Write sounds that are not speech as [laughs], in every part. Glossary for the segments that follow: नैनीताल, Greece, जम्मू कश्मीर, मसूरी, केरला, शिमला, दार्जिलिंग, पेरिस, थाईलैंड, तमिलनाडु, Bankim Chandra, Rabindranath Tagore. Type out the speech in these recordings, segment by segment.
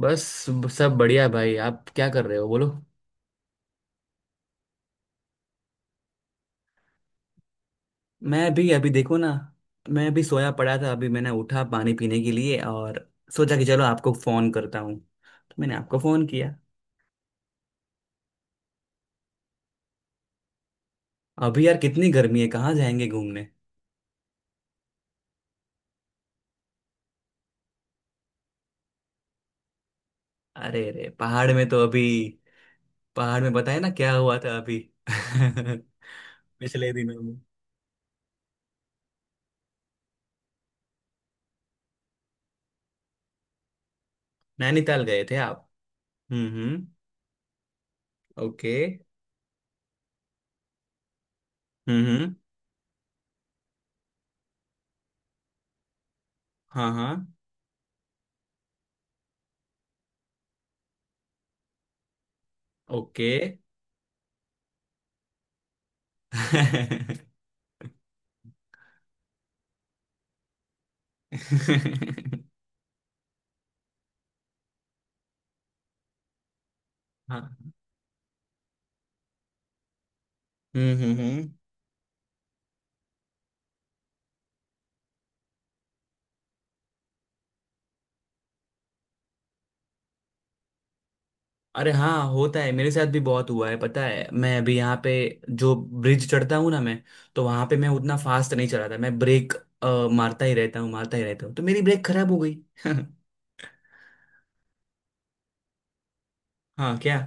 बस। सब बढ़िया भाई, आप क्या कर रहे हो बोलो। मैं भी अभी देखो ना। मैं अभी सोया पड़ा था, अभी मैंने उठा पानी पीने के लिए और सोचा कि चलो आपको फोन करता हूँ, तो मैंने आपको फोन किया। अभी यार कितनी गर्मी है, कहाँ जाएंगे घूमने। अरे रे पहाड़ में तो अभी पहाड़ में बताया ना क्या हुआ था अभी [laughs] पिछले दिनों में। नैनीताल गए थे आप? हम्म। ओके। हम्म। हाँ हाँ। ओके। [laughs] हाँ। हम्म हम्म हम्म। अरे हाँ होता है, मेरे साथ भी बहुत हुआ है। पता है, मैं अभी यहाँ पे जो ब्रिज चढ़ता हूँ ना मैं, तो वहां पे मैं उतना फास्ट नहीं चलाता। मैं ब्रेक मारता ही रहता हूँ, मारता ही रहता हूँ, तो मेरी ब्रेक खराब हो गई। [laughs] हाँ क्या।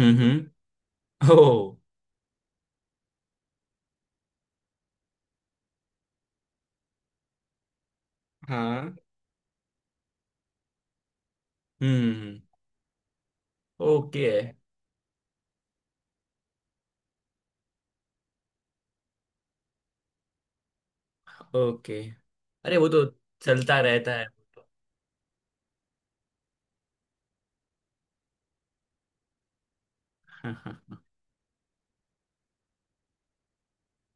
हम्म। [laughs] ओ। हाँ। हम्म। ओके। ओके। अरे वो तो चलता रहता है [laughs] हाँ हाँ हाँ।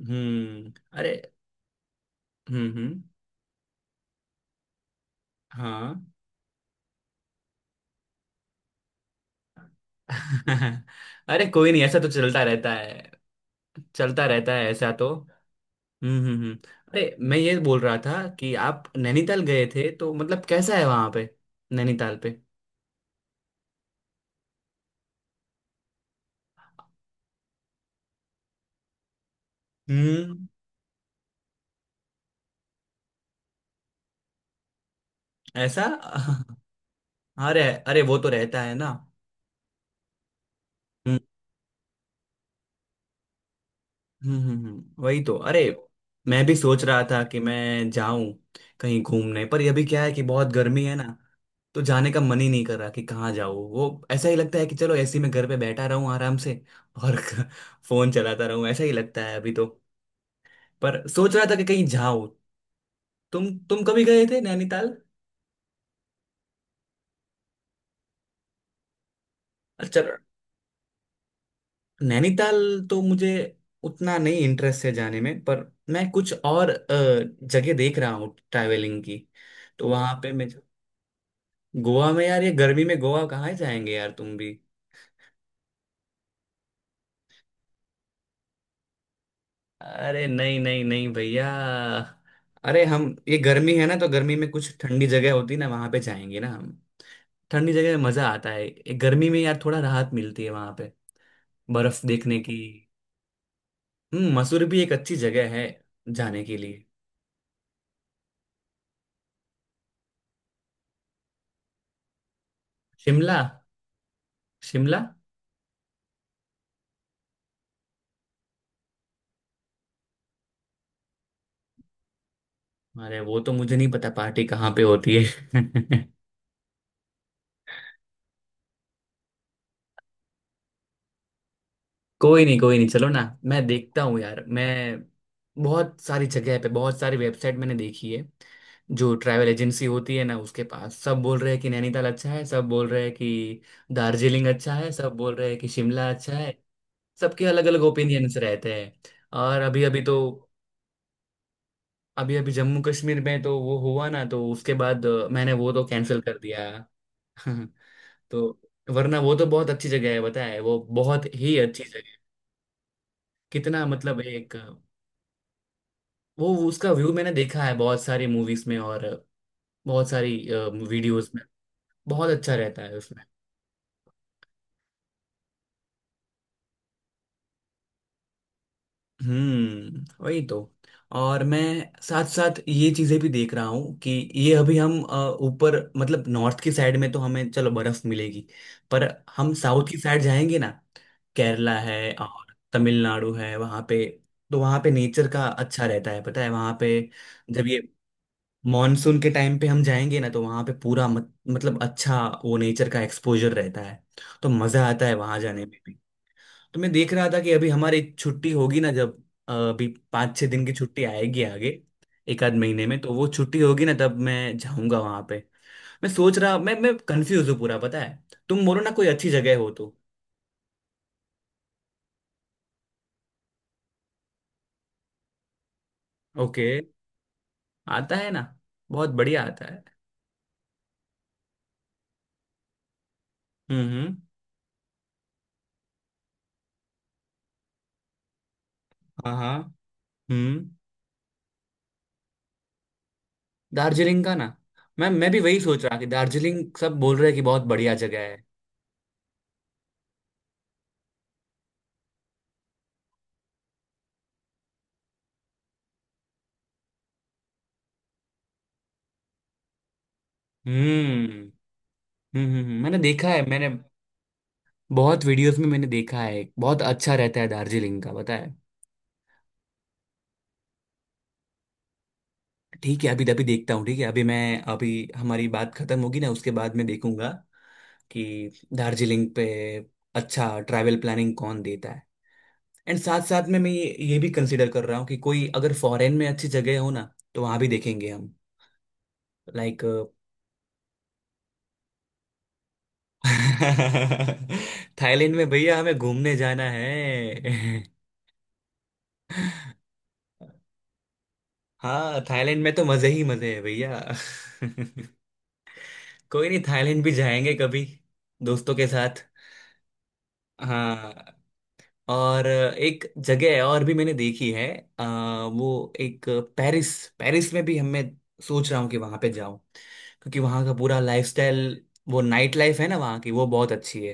हम्म। अरे। हम्म। हाँ। [laughs] अरे कोई नहीं, ऐसा तो चलता रहता है, चलता रहता है ऐसा तो। हम्म हम्म हम्म। अरे मैं ये बोल रहा था कि आप नैनीताल गए थे, तो मतलब कैसा है वहां पे, नैनीताल पे? हम्म। ऐसा [laughs] अरे, अरे वो तो रहता है ना। हम्म वही तो अरे। मैं भी सोच रहा था कि मैं जाऊं कहीं घूमने, पर अभी क्या है कि बहुत गर्मी है ना, तो जाने का मन ही नहीं कर रहा कि कहाँ जाऊँ। वो ऐसा ही लगता है कि चलो ऐसे ही मैं घर पे बैठा रहूँ आराम से, और [laughs] फोन चलाता रहूँ। ऐसा ही लगता है अभी तो। पर सोच रहा था कि कहीं जाऊँ। तुम कभी गए थे नैनीताल? अच्छा। नैनीताल तो मुझे उतना नहीं इंटरेस्ट है जाने में, पर मैं कुछ और जगह देख रहा हूँ ट्रैवलिंग की। तो वहां पे मैं गोवा में, यार ये गर्मी में गोवा कहाँ जाएंगे यार तुम भी। अरे नहीं नहीं नहीं भैया। अरे हम ये गर्मी है ना तो गर्मी में कुछ ठंडी जगह होती ना वहां पे जाएंगे ना हम। ठंडी जगह में मजा आता है, ये गर्मी में यार थोड़ा राहत मिलती है वहां पे बर्फ देखने की। हम्म, मसूरी भी एक अच्छी जगह है जाने के लिए। शिमला, शिमला। अरे वो तो मुझे नहीं पता पार्टी कहाँ पे होती है [laughs] कोई नहीं कोई नहीं, चलो ना। मैं देखता हूँ यार। मैं बहुत सारी जगह पे, बहुत सारी वेबसाइट मैंने देखी है। जो ट्रैवल एजेंसी होती है ना उसके पास, सब बोल रहे हैं कि नैनीताल अच्छा है, सब बोल रहे हैं कि दार्जिलिंग अच्छा है, सब बोल रहे हैं कि शिमला अच्छा है। सबके अलग अलग ओपिनियंस रहते हैं। और अभी अभी तो, अभी अभी जम्मू कश्मीर में तो वो हुआ ना, तो उसके बाद मैंने वो तो कैंसिल कर दिया [laughs] तो वरना वो तो बहुत अच्छी जगह है बताए, वो बहुत ही अच्छी जगह है। कितना मतलब एक, वो उसका व्यू मैंने देखा है बहुत सारी मूवीज में और बहुत सारी वीडियोस में। बहुत अच्छा रहता है उसमें। वही तो। और मैं साथ साथ ये चीजें भी देख रहा हूँ कि ये अभी हम ऊपर, मतलब नॉर्थ की साइड में तो हमें चलो बर्फ मिलेगी, पर हम साउथ की साइड जाएंगे ना। केरला है और तमिलनाडु है वहाँ पे। तो वहाँ पे नेचर का अच्छा रहता है पता है वहाँ पे। जब ये मॉनसून के टाइम पे हम जाएंगे ना तो वहां पे पूरा मत, मतलब अच्छा वो नेचर का एक्सपोजर रहता है। तो मजा आता है वहां जाने में भी। तो मैं देख रहा था कि अभी हमारी छुट्टी होगी ना जब, अभी 5-6 दिन की छुट्टी आएगी आगे, एक आध महीने में। तो वो छुट्टी होगी ना तब मैं जाऊंगा वहां पे। मैं सोच रहा, मैं कंफ्यूज हूँ पूरा पता है। तुम बोलो ना कोई अच्छी जगह हो तो। ओके। आता है ना, बहुत बढ़िया आता है। हम्म। हाँ हाँ। हम्म। दार्जिलिंग का ना। मैम मैं भी वही सोच रहा कि दार्जिलिंग, सब बोल रहे हैं कि बहुत बढ़िया जगह है। हम्म मैंने देखा है। मैंने बहुत वीडियोस में मैंने देखा है, बहुत अच्छा रहता है दार्जिलिंग का पता है। ठीक है अभी, अभी देखता हूँ ठीक है। अभी मैं, अभी हमारी बात खत्म होगी ना उसके बाद मैं देखूंगा कि दार्जिलिंग पे अच्छा ट्रैवल प्लानिंग कौन देता है। एंड साथ साथ में मैं ये भी कंसिडर कर रहा हूँ कि कोई अगर फॉरेन में अच्छी जगह हो ना तो वहां भी देखेंगे हम। लाइक। [laughs] थाईलैंड में भैया हमें घूमने जाना है। हाँ थाईलैंड में तो मजे ही मजे हैं भैया। [laughs] कोई नहीं, थाईलैंड भी जाएंगे कभी दोस्तों के साथ। हाँ। और एक जगह है और भी मैंने देखी है, वो एक पेरिस, पेरिस में भी हमें सोच रहा हूँ कि वहां पे जाऊं, क्योंकि वहां का पूरा लाइफस्टाइल, वो नाइट लाइफ है ना वहां की, वो बहुत अच्छी है।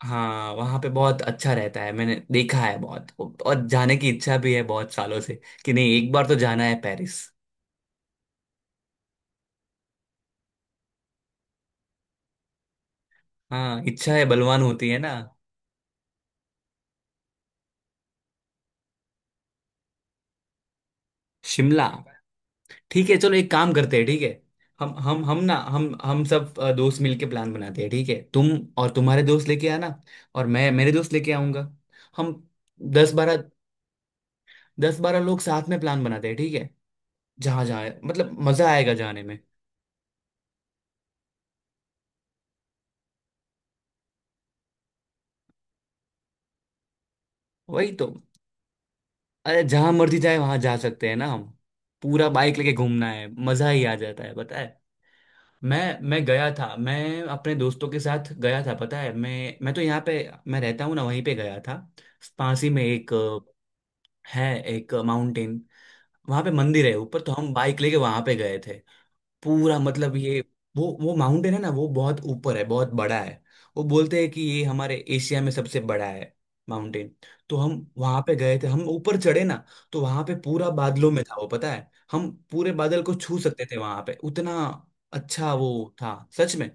हाँ वहाँ पे बहुत अच्छा रहता है, मैंने देखा है बहुत, और जाने की इच्छा भी है बहुत सालों से कि नहीं एक बार तो जाना है पेरिस। हाँ इच्छा है बलवान होती है ना। शिमला। ठीक है चलो एक काम करते हैं ठीक है। हम ना, हम सब दोस्त मिलके प्लान बनाते हैं ठीक है। तुम और तुम्हारे दोस्त लेके आना, और मैं मेरे दोस्त लेके आऊंगा। हम 10-12, 10-12 लोग साथ में प्लान बनाते हैं ठीक है। जहाँ जहाँ मतलब मजा आएगा जाने में। वही तो, अरे जहां मर्जी जाए वहां जा सकते हैं ना हम। पूरा बाइक लेके घूमना है, मजा ही आ जाता है पता है। मैं मैं गया था, मैं अपने दोस्तों के साथ गया था पता है। मैं तो यहाँ पे मैं रहता हूँ ना वहीं पे गया था, पास ही में। एक है, एक माउंटेन, वहां पे मंदिर है ऊपर। तो हम बाइक लेके वहां पे गए थे। पूरा मतलब ये वो माउंटेन है ना वो बहुत ऊपर है, बहुत बड़ा है। वो बोलते हैं कि ये हमारे एशिया में सबसे बड़ा है माउंटेन। तो हम वहां पे गए थे, हम ऊपर चढ़े ना, तो वहां पे पूरा बादलों में था वो पता है। हम पूरे बादल को छू सकते थे वहां पे, उतना अच्छा वो था सच में।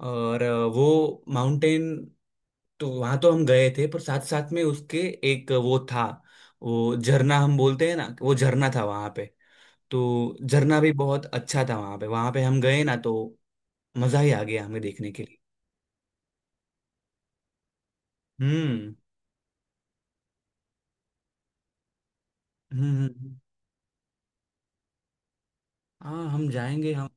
और वो माउंटेन, तो वहां तो हम गए थे, पर साथ साथ में उसके एक वो था, वो झरना हम बोलते हैं ना, वो झरना था वहां पे। तो झरना भी बहुत अच्छा था वहां पे, वहां पे हम गए ना तो मजा ही आ गया हमें देखने के लिए। हम्म हम्म हम्म, हम्म। हाँ हम जाएंगे हम।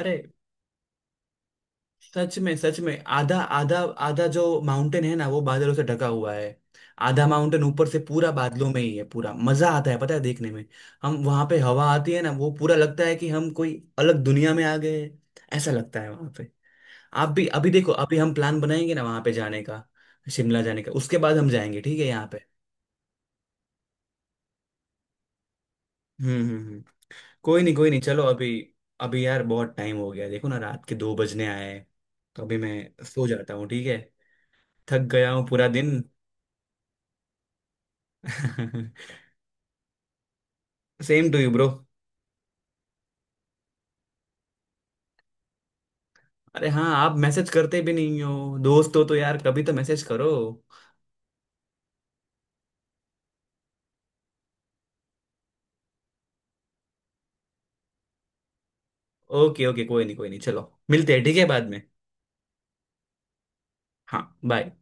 अरे सच में सच में, आधा आधा, आधा जो माउंटेन है ना वो बादलों से ढका हुआ है, आधा माउंटेन ऊपर से पूरा बादलों में ही है। पूरा मजा आता है पता है देखने में। हम वहां पे हवा आती है ना, वो पूरा लगता है कि हम कोई अलग दुनिया में आ गए हैं। ऐसा लगता है वहां पे। आप भी अभी देखो, अभी हम प्लान बनाएंगे ना वहां पे जाने का, शिमला जाने का, उसके बाद हम जाएंगे ठीक है यहाँ पे। हम्म हम्म हम्म। कोई नहीं चलो अभी, अभी यार बहुत टाइम हो गया देखो ना, रात के 2 बजने आए हैं, तो अभी मैं सो जाता हूँ ठीक है। थक गया हूँ पूरा दिन। [laughs] Same to you bro. अरे हाँ आप मैसेज करते भी नहीं हो, दोस्त हो तो यार कभी तो मैसेज करो। ओके ओके कोई नहीं चलो मिलते हैं ठीक है बाद में। हाँ बाय।